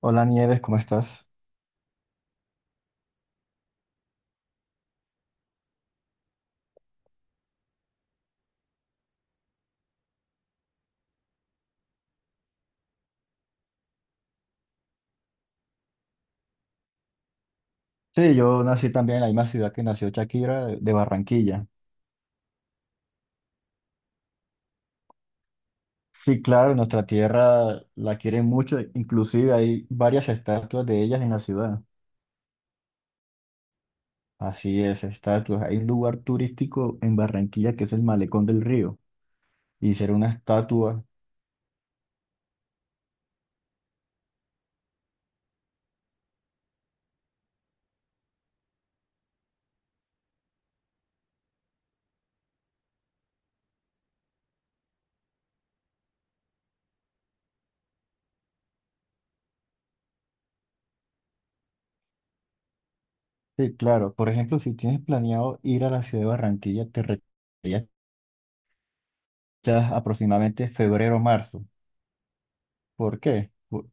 Hola Nieves, ¿cómo estás? Sí, yo nací también en la misma ciudad que nació Shakira, de Barranquilla. Sí, claro, nuestra tierra la quieren mucho, inclusive hay varias estatuas de ellas en la ciudad. Así es, estatuas. Hay un lugar turístico en Barranquilla que es el Malecón del Río. Hicieron una estatua. Sí, claro. Por ejemplo, si tienes planeado ir a la ciudad de Barranquilla, te recomendaría quizás aproximadamente febrero o marzo. ¿Por qué?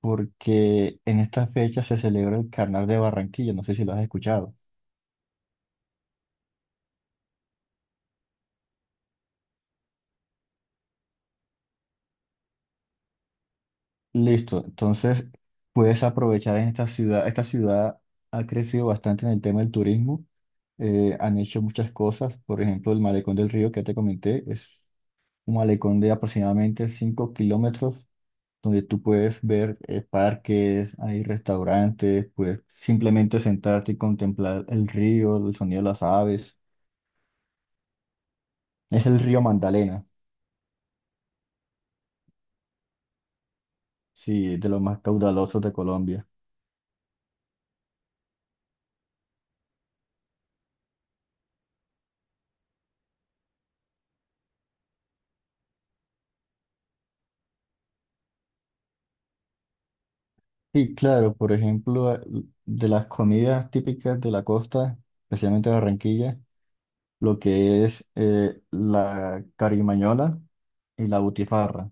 Porque en estas fechas se celebra el Carnaval de Barranquilla. No sé si lo has escuchado. Listo, entonces puedes aprovechar en esta ciudad. Esta ciudad ha crecido bastante en el tema del turismo. Han hecho muchas cosas. Por ejemplo, el malecón del río que ya te comenté es un malecón de aproximadamente 5 kilómetros donde tú puedes ver parques, hay restaurantes, puedes simplemente sentarte y contemplar el río, el sonido de las aves. Es el río Magdalena, sí, de los más caudalosos de Colombia. Sí, claro, por ejemplo, de las comidas típicas de la costa, especialmente de Barranquilla, lo que es la carimañola y la butifarra.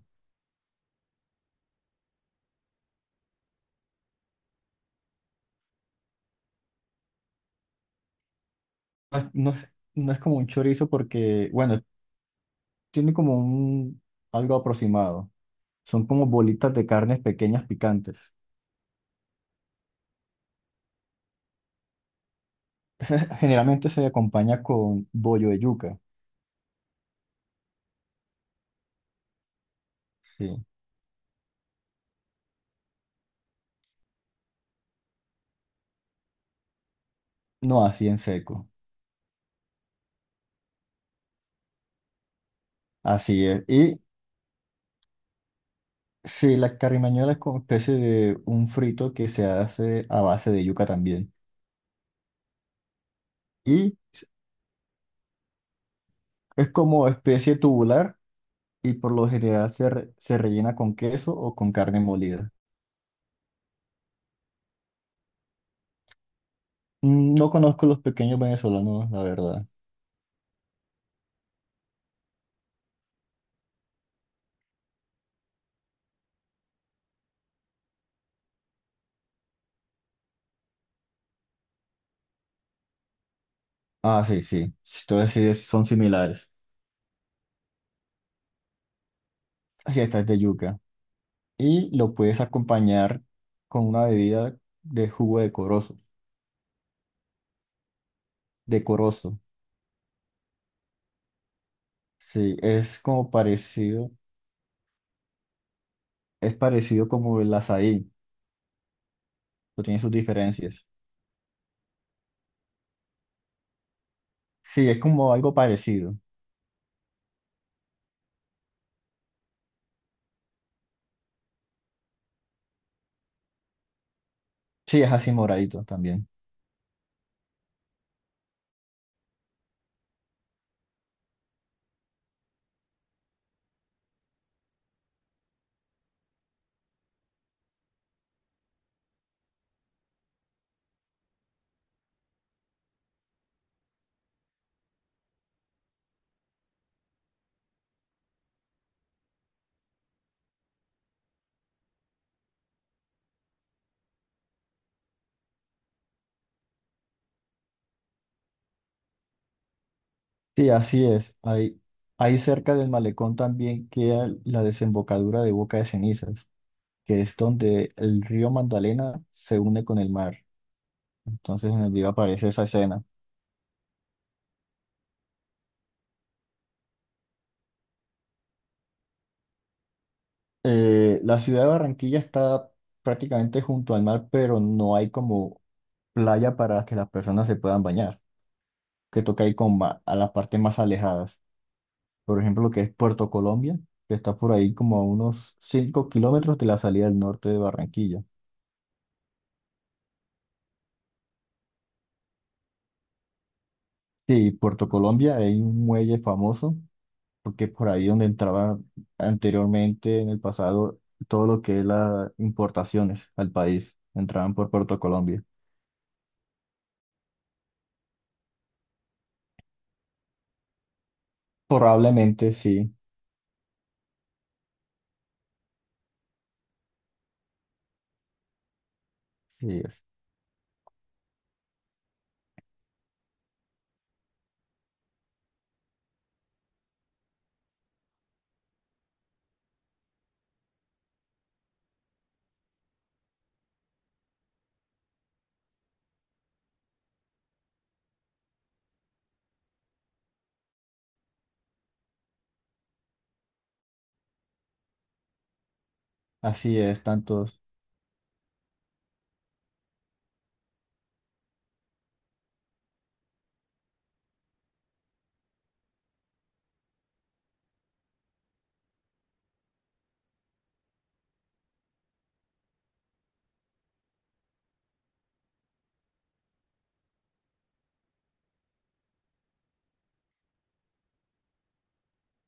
No es, no es- no es como un chorizo porque, bueno, tiene como un algo aproximado. Son como bolitas de carnes pequeñas picantes. Generalmente se acompaña con bollo de yuca, sí, no así en seco. Así es. Sí, la carimañola es como especie de un frito que se hace a base de yuca también. Y es como especie tubular y por lo general se rellena con queso o con carne molida. Mm, no conozco los pequeños venezolanos, la verdad. Ah, sí, sí. Entonces sí, son similares. Así esta es de yuca. Y lo puedes acompañar con una bebida de jugo de corozo. De corozo. Sí, es como parecido, es parecido como el azaí, pero tiene sus diferencias. Sí, es como algo parecido. Sí, es así moradito también. Sí, así es. Ahí, ahí cerca del malecón también queda la desembocadura de Boca de Cenizas, que es donde el río Magdalena se une con el mar. Entonces en el video aparece esa escena. La ciudad de Barranquilla está prácticamente junto al mar, pero no hay como playa para que las personas se puedan bañar, que toca ir con a las partes más alejadas. Por ejemplo, lo que es Puerto Colombia, que está por ahí como a unos 5 kilómetros de la salida del norte de Barranquilla. Sí, Puerto Colombia hay un muelle famoso, porque por ahí donde entraba anteriormente en el pasado todo lo que es las importaciones al país, entraban por Puerto Colombia. Probablemente sí, sí es. Así es, tantos.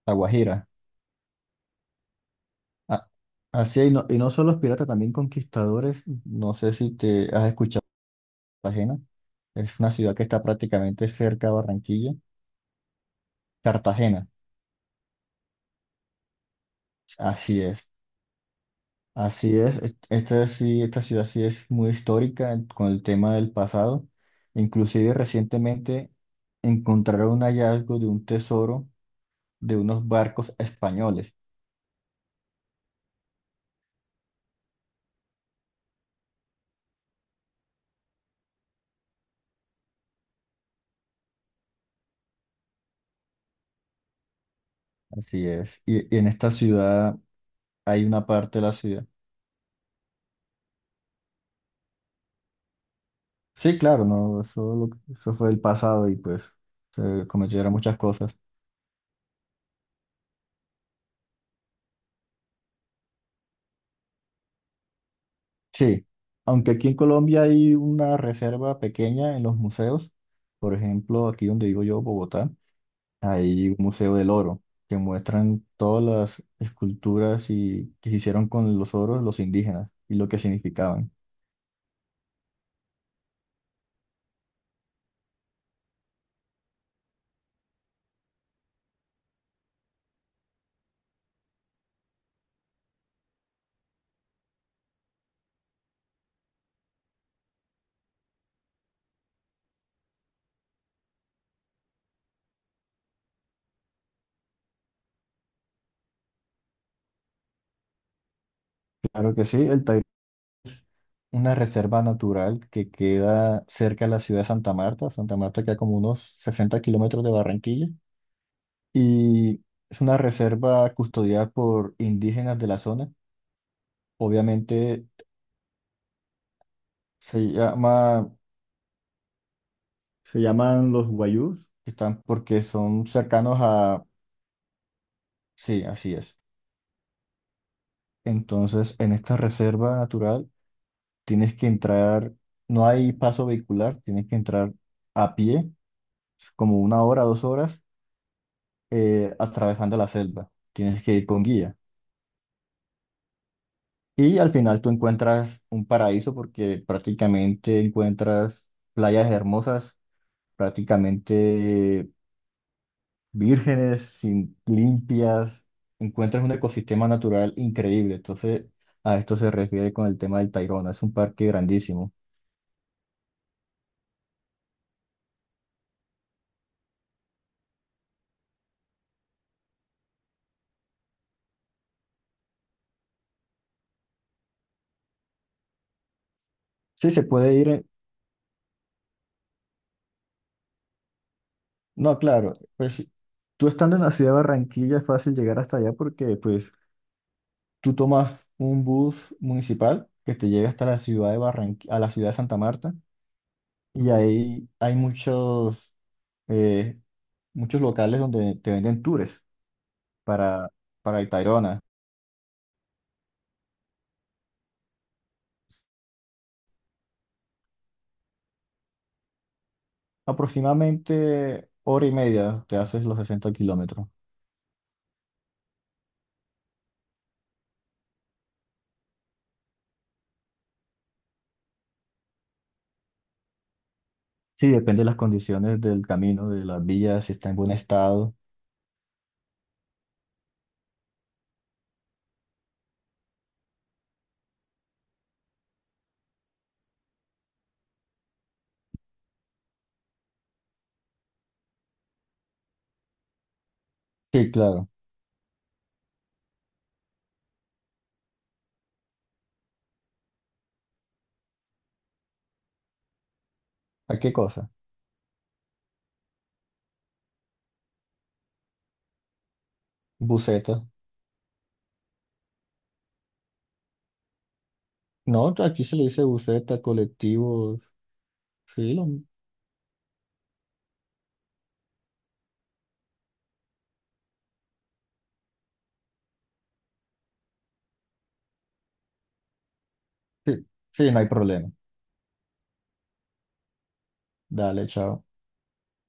La Guajira. Ah, así es, y no solo los piratas, también conquistadores, no sé si te has escuchado. Cartagena. Es una ciudad que está prácticamente cerca de Barranquilla. Cartagena, así es. Así es. Esta, sí, esta ciudad sí es muy histórica con el tema del pasado. Inclusive recientemente encontraron un hallazgo de un tesoro de unos barcos españoles. Así es. Y en esta ciudad hay una parte de la ciudad. Sí, claro, no, eso, eso fue el pasado y pues se cometieron muchas cosas. Sí, aunque aquí en Colombia hay una reserva pequeña en los museos, por ejemplo, aquí donde vivo yo, Bogotá, hay un museo del oro que muestran todas las esculturas y, que se hicieron con los oros los indígenas y lo que significaban. Claro que sí, el Tairona es una reserva natural que queda cerca de la ciudad de Santa Marta, Santa Marta queda como unos 60 kilómetros de Barranquilla y es una reserva custodiada por indígenas de la zona. Obviamente se llama. Se llaman los guayús, que están porque son cercanos a... Sí, así es. Entonces, en esta reserva natural tienes que entrar, no hay paso vehicular, tienes que entrar a pie, como una hora, dos horas, atravesando la selva. Tienes que ir con guía. Y al final tú encuentras un paraíso porque prácticamente encuentras playas hermosas, prácticamente vírgenes, sin, limpias, encuentras un ecosistema natural increíble. Entonces, a esto se refiere con el tema del Tayrona. Es un parque grandísimo. Sí, se puede ir. No, claro, pues tú estando en la ciudad de Barranquilla es fácil llegar hasta allá porque pues tú tomas un bus municipal que te llega hasta la ciudad de Barranquilla, a la ciudad de Santa Marta y ahí hay muchos, eh, muchos locales donde te venden tours para, para el Tayrona. Aproximadamente hora y media te haces los 60 kilómetros. Sí, depende de las condiciones del camino, de las vías, si está en buen estado. Sí, claro. ¿A qué cosa? Buseta. No, aquí se le dice buseta, colectivos. Sí, sí, sí, no hay problema. Dale, chao.